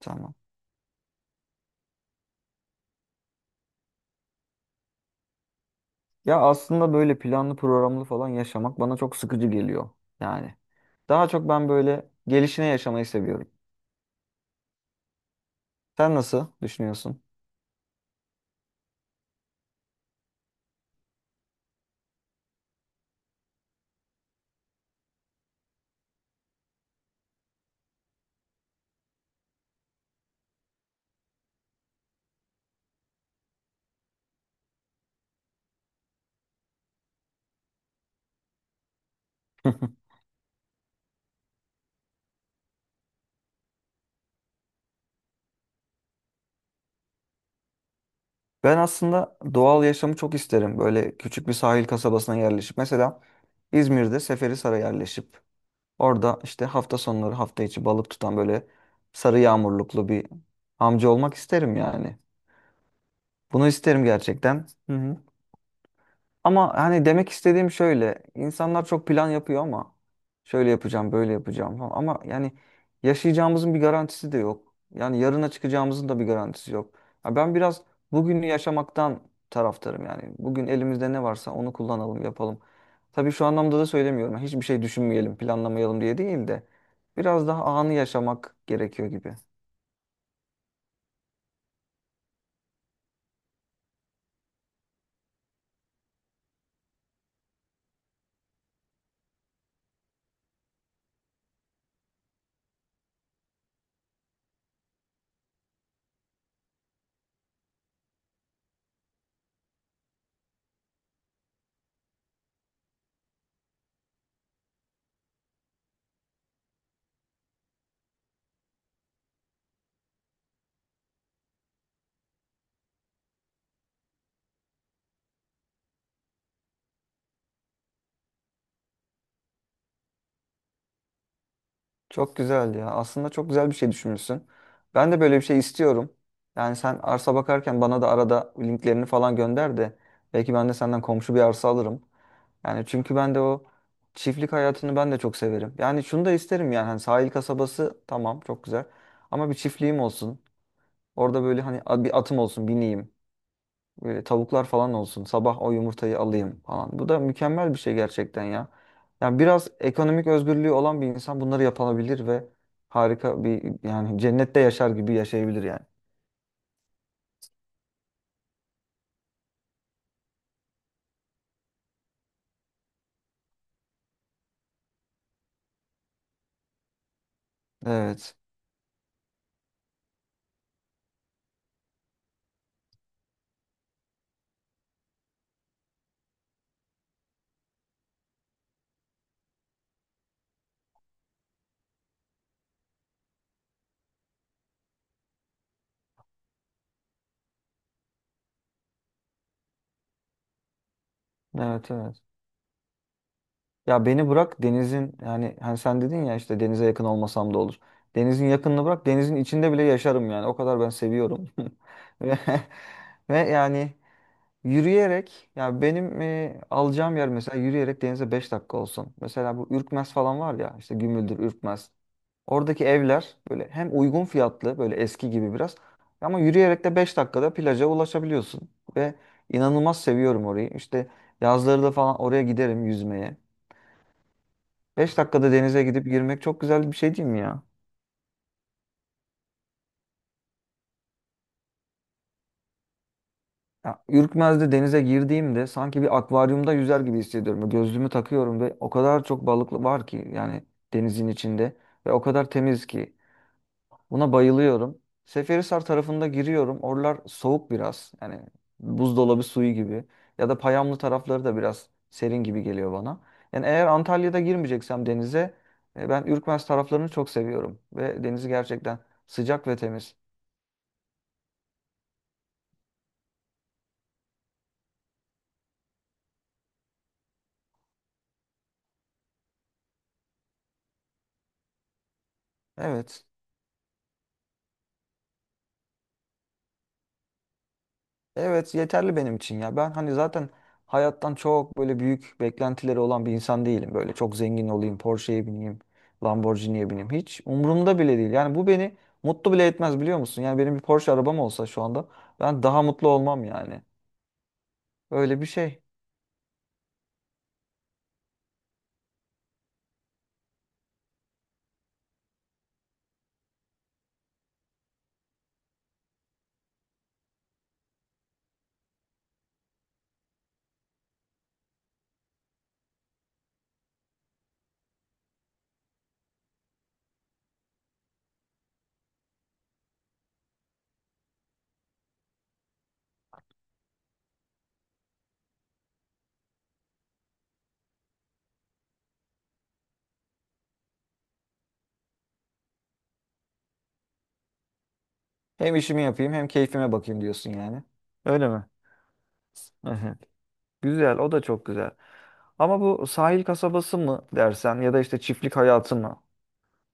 Tamam. Ya aslında böyle planlı programlı falan yaşamak bana çok sıkıcı geliyor. Yani daha çok ben böyle gelişine yaşamayı seviyorum. Sen nasıl düşünüyorsun? Ben aslında doğal yaşamı çok isterim. Böyle küçük bir sahil kasabasına yerleşip. Mesela İzmir'de Seferihisar'a yerleşip. Orada işte hafta sonları hafta içi balık tutan böyle sarı yağmurluklu bir amca olmak isterim yani. Bunu isterim gerçekten. Hı hı. Ama hani demek istediğim şöyle. İnsanlar çok plan yapıyor ama şöyle yapacağım, böyle yapacağım falan. Ama yani yaşayacağımızın bir garantisi de yok. Yani yarına çıkacağımızın da bir garantisi yok. Ya ben biraz bugünü yaşamaktan taraftarım yani. Bugün elimizde ne varsa onu kullanalım, yapalım. Tabii şu anlamda da söylemiyorum. Hiçbir şey düşünmeyelim, planlamayalım diye değil de biraz daha anı yaşamak gerekiyor gibi. Çok güzel ya. Aslında çok güzel bir şey düşünmüşsün. Ben de böyle bir şey istiyorum. Yani sen arsa bakarken bana da arada linklerini falan gönder de belki ben de senden komşu bir arsa alırım. Yani çünkü ben de o çiftlik hayatını ben de çok severim. Yani şunu da isterim yani hani sahil kasabası tamam çok güzel ama bir çiftliğim olsun. Orada böyle hani bir atım olsun bineyim, tavuklar falan olsun. Sabah o yumurtayı alayım falan. Bu da mükemmel bir şey gerçekten ya. Yani biraz ekonomik özgürlüğü olan bir insan bunları yapabilir ve harika bir yani cennette yaşar gibi yaşayabilir yani. Evet. Evet, evet. Ya beni bırak denizin yani hani sen dedin ya işte denize yakın olmasam da olur. Denizin yakınını bırak denizin içinde bile yaşarım yani. O kadar ben seviyorum. Ve, ve yani yürüyerek ya benim alacağım yer mesela yürüyerek denize 5 dakika olsun. Mesela bu Ürkmez falan var ya işte Gümüldür, Ürkmez. Oradaki evler böyle hem uygun fiyatlı böyle eski gibi biraz ama yürüyerek de 5 dakikada plaja ulaşabiliyorsun. Ve inanılmaz seviyorum orayı. İşte yazları da falan oraya giderim yüzmeye. 5 dakikada denize gidip girmek çok güzel bir şey değil mi ya? Ya, Ürkmez'de denize girdiğimde sanki bir akvaryumda yüzer gibi hissediyorum. Gözlüğümü takıyorum ve o kadar çok balık var ki yani denizin içinde ve o kadar temiz ki buna bayılıyorum. Seferihisar tarafında giriyorum. Oralar soğuk biraz. Yani buzdolabı suyu gibi ya da Payamlı tarafları da biraz serin gibi geliyor bana. Yani eğer Antalya'da girmeyeceksem denize ben Ürkmez taraflarını çok seviyorum ve denizi gerçekten sıcak ve temiz. Evet. Evet, yeterli benim için ya. Ben hani zaten hayattan çok böyle büyük beklentileri olan bir insan değilim. Böyle çok zengin olayım, Porsche'ye bineyim, Lamborghini'ye bineyim. Hiç umurumda bile değil. Yani bu beni mutlu bile etmez biliyor musun? Yani benim bir Porsche arabam olsa şu anda ben daha mutlu olmam yani. Öyle bir şey. Hem işimi yapayım hem keyfime bakayım diyorsun yani. Öyle mi? Evet. Güzel, o da çok güzel. Ama bu sahil kasabası mı dersen ya da işte çiftlik hayatı mı?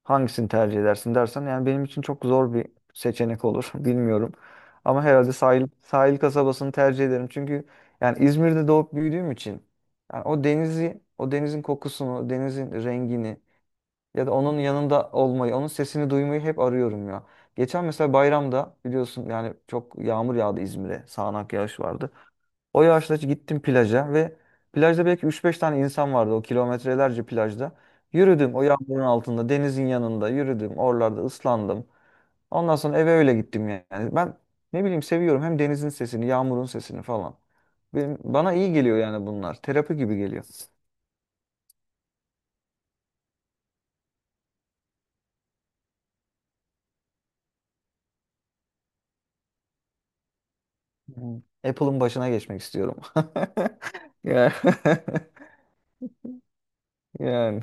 Hangisini tercih edersin dersen yani benim için çok zor bir seçenek olur. Bilmiyorum. Ama herhalde sahil kasabasını tercih ederim. Çünkü yani İzmir'de doğup büyüdüğüm için yani o denizi, o denizin kokusunu, denizin rengini ya da onun yanında olmayı, onun sesini duymayı hep arıyorum ya. Geçen mesela bayramda biliyorsun yani çok yağmur yağdı İzmir'e. Sağanak yağış vardı. O yaşta gittim plaja ve plajda belki üç beş tane insan vardı o kilometrelerce plajda. Yürüdüm o yağmurun altında, denizin yanında yürüdüm. Oralarda ıslandım. Ondan sonra eve öyle gittim yani. Ben ne bileyim seviyorum hem denizin sesini, yağmurun sesini falan. Bana iyi geliyor yani bunlar. Terapi gibi geliyor. Hmm. Apple'ın başına geçmek istiyorum. Yani. Yani.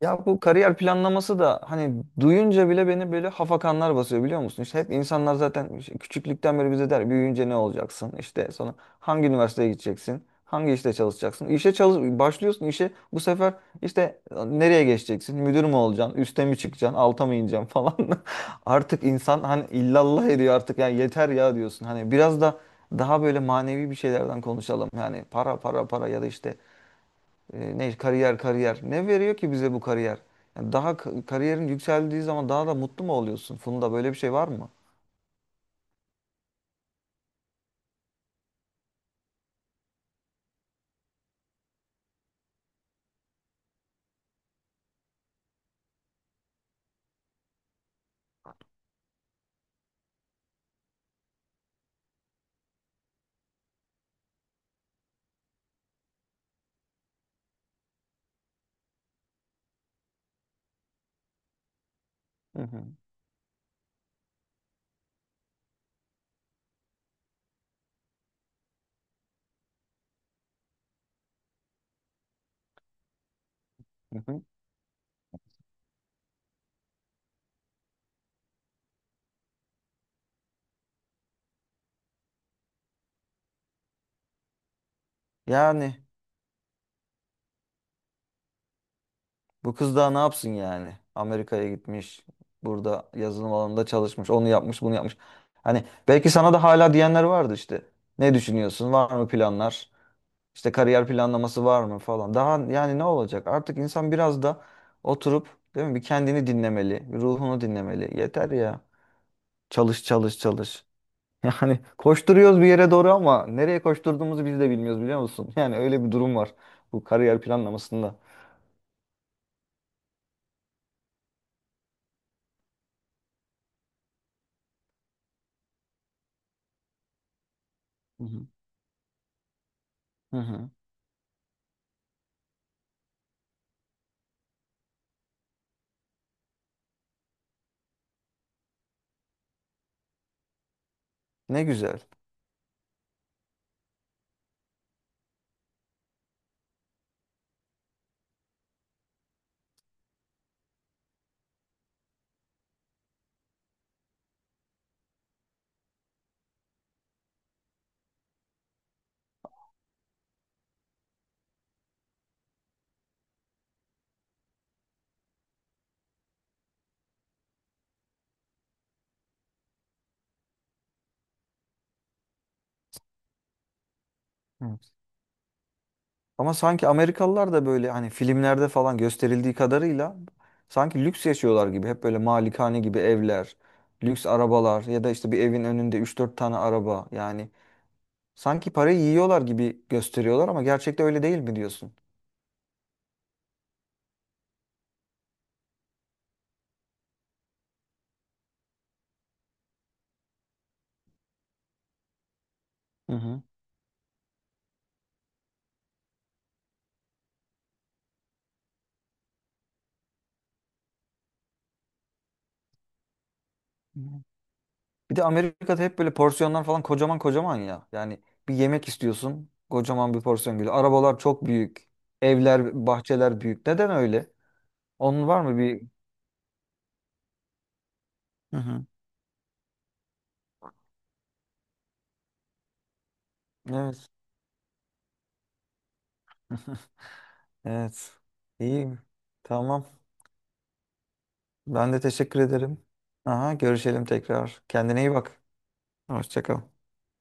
Ya bu kariyer planlaması da hani duyunca bile beni böyle hafakanlar basıyor biliyor musun? İşte hep insanlar zaten işte küçüklükten beri bize der büyüyünce ne olacaksın? İşte sonra hangi üniversiteye gideceksin? Hangi işte çalışacaksın? İşe çalış başlıyorsun işe bu sefer işte nereye geçeceksin? Müdür mü olacaksın? Üste mi çıkacaksın? Alta mı ineceksin falan. Artık insan hani illallah ediyor artık ya yeter ya diyorsun. Hani biraz da daha böyle manevi bir şeylerden konuşalım. Yani para para para ya da işte ne kariyer kariyer. Ne veriyor ki bize bu kariyer? Yani daha kariyerin yükseldiği zaman daha da mutlu mu oluyorsun? Funda böyle bir şey var mı? Hı hı. Hı hı. Yani bu kız daha ne yapsın yani? Amerika'ya gitmiş. Burada yazılım alanında çalışmış. Onu yapmış, bunu yapmış. Hani belki sana da hala diyenler vardı işte. Ne düşünüyorsun? Var mı planlar? İşte kariyer planlaması var mı falan. Daha yani ne olacak? Artık insan biraz da oturup değil mi? Bir kendini dinlemeli, bir ruhunu dinlemeli. Yeter ya. Çalış, çalış, çalış. Yani koşturuyoruz bir yere doğru ama nereye koşturduğumuzu biz de bilmiyoruz biliyor musun? Yani öyle bir durum var bu kariyer planlamasında. Hı hı. Hı hı. Ne güzel. Evet. Ama sanki Amerikalılar da böyle hani filmlerde falan gösterildiği kadarıyla sanki lüks yaşıyorlar gibi. Hep böyle malikane gibi evler, lüks arabalar ya da işte bir evin önünde üç dört tane araba. Yani sanki parayı yiyorlar gibi gösteriyorlar ama gerçekte öyle değil mi diyorsun? Hı hı. Bir de Amerika'da hep böyle porsiyonlar falan kocaman kocaman ya. Yani bir yemek istiyorsun, kocaman bir porsiyon geliyor. Arabalar çok büyük, evler, bahçeler büyük. Neden öyle? Onun var mı bir... Hı hı. Evet. Evet. İyi. Tamam. Ben de teşekkür ederim. Aha, görüşelim tekrar. Kendine iyi bak. Hoşça kal.